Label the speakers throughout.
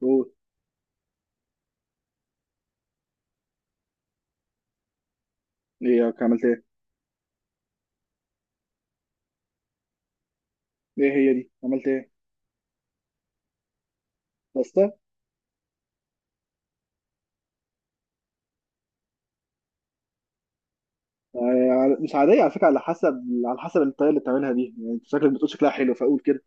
Speaker 1: قول. ايه ياك، عملت ايه؟ ايه هي دي؟ عملت ايه؟ باستا؟ مش عادية على فكرة، على حسب الطريقة اللي بتعملها دي، يعني انت شكلك بتقول شكلها حلو، فقول كده.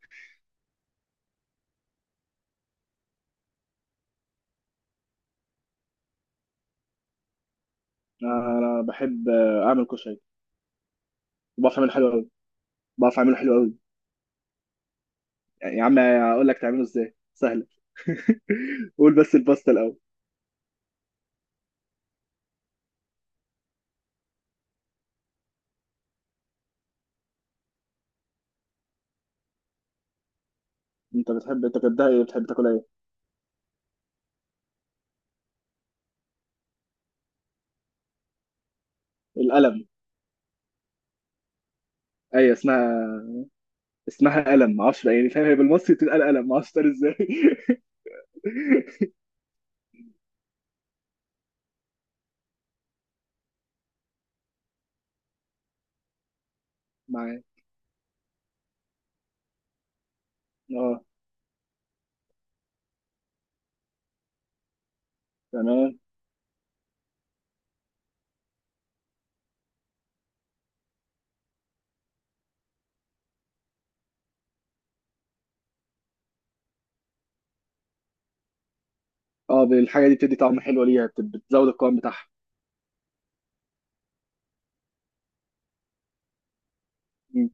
Speaker 1: آه، انا بحب اعمل كشري، وبعرف اعمله حلو قوي، بعرف اعمله حلو قوي. يعني يا عم اقول لك تعمله ازاي، سهلة. قول بس الباستا الاول. انت بتحبها ايه، بتحب تاكلها ايه؟ القلم. ايوه اسمها قلم، معرفش بقى يعني، فاهم، هي بالمصري بتتقال قلم، معرفش تتقال ازاي. معايا. اه، تمام، اه. الحاجة دي بتدي طعم حلو ليها، بتزود القوام بتاعها. مم.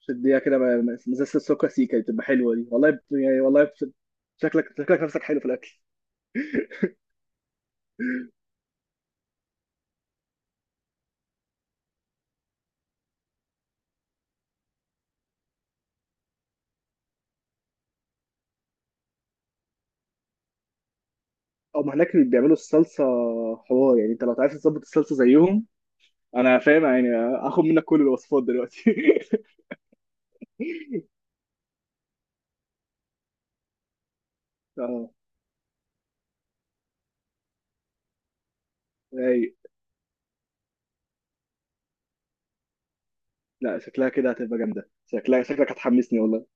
Speaker 1: شديها كده مزازة السكر سيكا دي بتبقى حلوه دي، والله يعني والله شكلك نفسك حلو في الاكل. او ما هناك بيعملوا الصلصه حوار، يعني انت لو عايز تظبط الصلصه زيهم. انا فاهم يعني. هاخد منك كل الوصفات دلوقتي. اه، اي، لا شكلها كده هتبقى جامده، شكلك هتحمسني والله.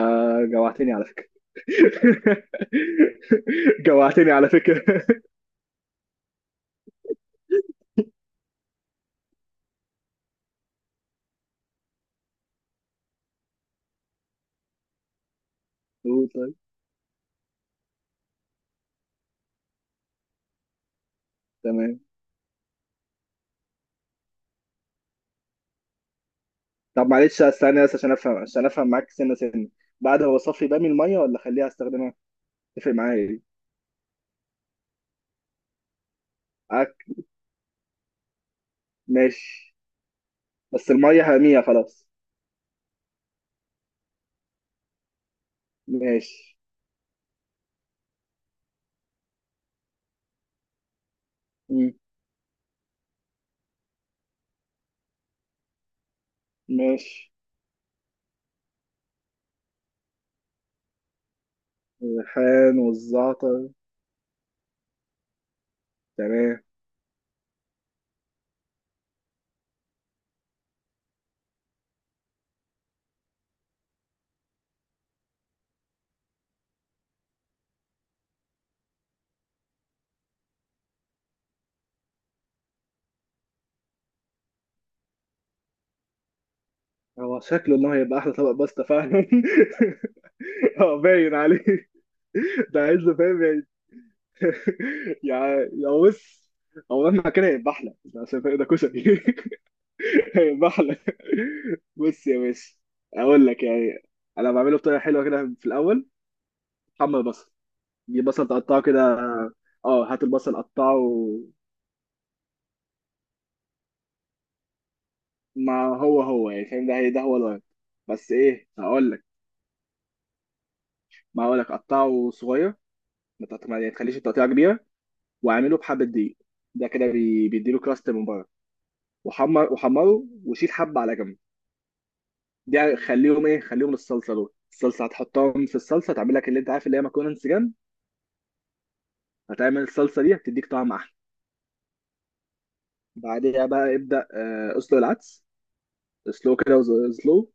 Speaker 1: جوعتني على فكره. جوعتني على فكره. قول طيب. تمام. طب معلش استنى بس عشان افهم معاك سنه سنه. بعد هو صفي بقى من الميه، ولا اخليها استخدمها؟ اتفق معايا دي. عك. ماشي. بس المية هامية خلاص. ماشي. مم. ماشي. الريحان والزعتر. تمام. هو شكله ان هو هيبقى احلى طبق باستا فعلا. اه، باين عليه. ده عايز له، فاهم يعني. يا، بص، هو مهما كان هيبقى احلى، عشان فاهم ده كشري. هيبقى احلى. بص يا باشا. اقول لك يعني، انا بعمله بطريقه حلوه كده في الاول. محمر بصل. دي بصل تقطعه كده. اه هات البصل قطعه. ما هو هو يعني، فاهم، ده هي ده هو الغرض. بس ايه هقول لك، ما هقول لك قطعه صغير، ما تقط- ما- يعني تخليش التقطيعه كبيره. واعمله بحبه دقيق. ده كده بيديله كراست من بره. وحمره وشيل حبه على جنب. دي خليهم خليهم الصلصه، دول الصلصه هتحطهم في الصلصه، تعمل لك اللي انت عارف، اللي هي مكرونه انسجام. هتعمل الصلصه دي هتديك طعم احلى. بعدها بقى ابدا اسلق العدس. سلو كده سلو.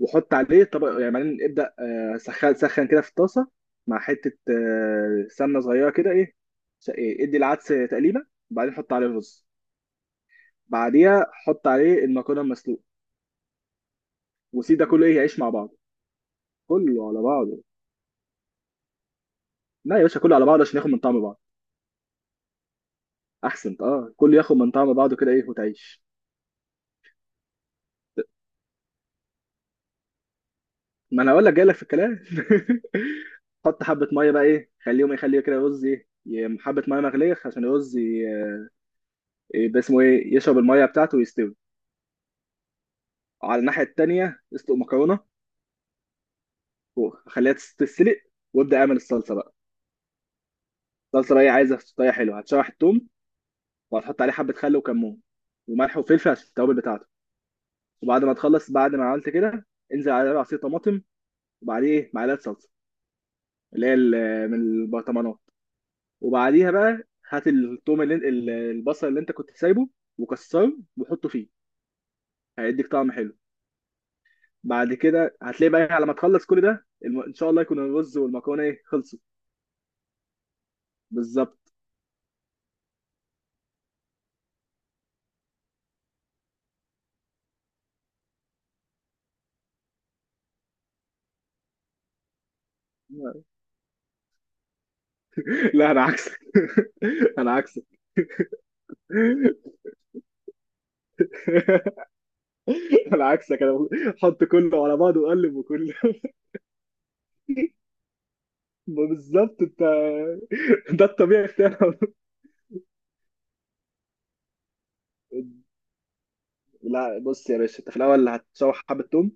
Speaker 1: وحط عليه طبق يعني، بعدين ابدأ سخن سخن كده في الطاسة، مع حتة سمنة صغيرة كده، ايه س- إيه، ادي العدس تقليبة. وبعدين حط عليه الرز. بعديها حط عليه المكرونة المسلوقة. وسيب ده كله يعيش مع بعض. كله على بعضه. لا يا باشا كله على بعضه، عشان ياخد من طعم بعض. احسن، اه، كله ياخد من طعم بعضه كده وتعيش. ما انا اقول لك جاي لك في الكلام. حط حبة مية بقى، ايه خليهم يخليه كده رز ايه ي- حبة مية مغلية عشان الرز. ده اسمه ايه، يشرب الميه بتاعته ويستوي. وعلى الناحيه التانيه اسلق مكرونه، وخليها تتسلق. وابدا اعمل الصلصه بقى. الصلصه بقى عايزه طريقه حلوه، هتشوح التوم، وهتحط عليه حبه خل وكمون، وملح وفلفل عشان التوابل بتاعته. وبعد ما تخلص بعد ما عملت كده، انزل عليه بعصير طماطم، وبعديه معلقه صلصه اللي هي من البرطمانات. وبعديها بقى هات البصل اللي انت كنت سايبه، وكسره وحطه فيه، هيديك طعم حلو. بعد كده هتلاقي بقى، على ما تخلص كل ده، ان شاء الله يكون الرز والمكرونه خلصوا. بالظبط. لا انا عكسك. انا عكسك. انا عكسك انا، حط كله على بعضه وقلب وكله. بالظبط انت، ده الطبيعي بتاعنا. لا بص يا باشا، انت في الاول هتشوح حبه توم،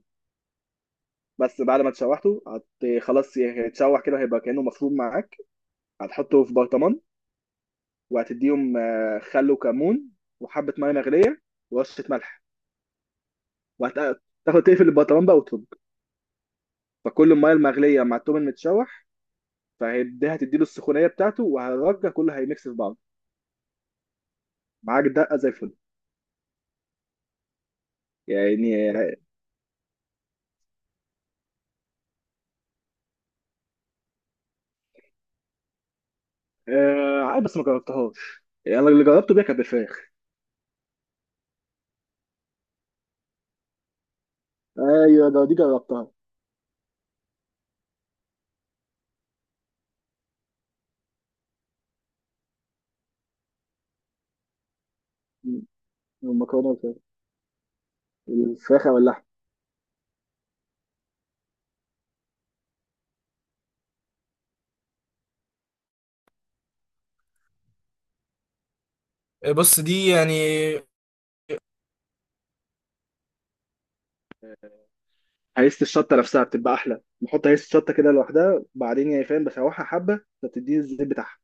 Speaker 1: بس بعد ما تشوحته خلاص، هيتشوح كده، هيبقى كانه مفروم معاك. هتحطه في برطمان، وهتديهم خل وكمون، وحبه ميه مغليه، ورشه ملح. وهتاخد تقفل البطلان بقى وترج، فكل الميه المغليه مع التوم المتشوح، فهيديها تديله السخونيه بتاعته، وهرجع كله هيميكس في بعض. معاك دقه زي الفل. يعني. عادي بس ما جربتهاش يعني، انا اللي جربته بيها كانت بالفراخ. ايوه ده جربتها. م. المكرونه والفراخ. الفراخ او اللحم. بص دي يعني، هيست الشطه نفسها بتبقى احلى، هيست الشطه كده لوحدها بعدين، يعني فاهم، بشوحها حبه فبتديني الزيت بتاعها،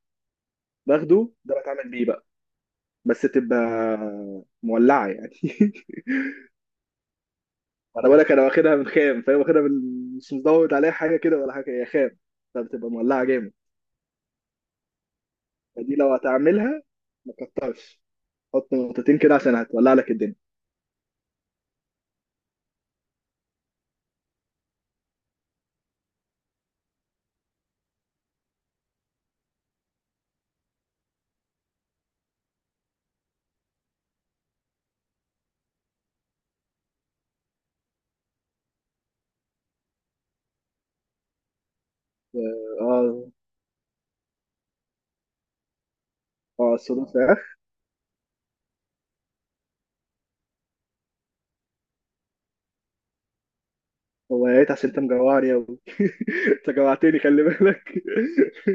Speaker 1: باخده ده بتعمل بيه بقى، بس تبقى مولعه يعني. انا بقول لك، انا واخدها من خام، فاهم، واخدها من مش مزود عليها حاجه كده ولا حاجه، هي خام، فبتبقى مولعه جامد. فدي لو هتعملها ما تكترش، حط نقطتين كده عشان هتولع لك الدنيا. اه، اه الصدور فراخ. هو يا ريت، عشان انت مجوعني يا ابني. انت جوعتني، خلي بالك.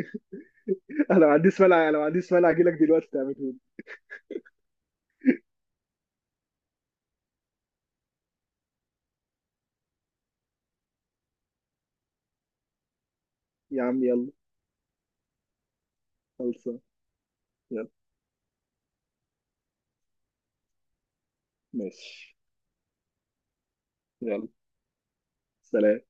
Speaker 1: انا ما عنديش مانع، انا ما عنديش مانع، اجي لك دلوقتي تعمله لي. يا عم يلا. خلصان. يلا. ماشي. يلا. سلام.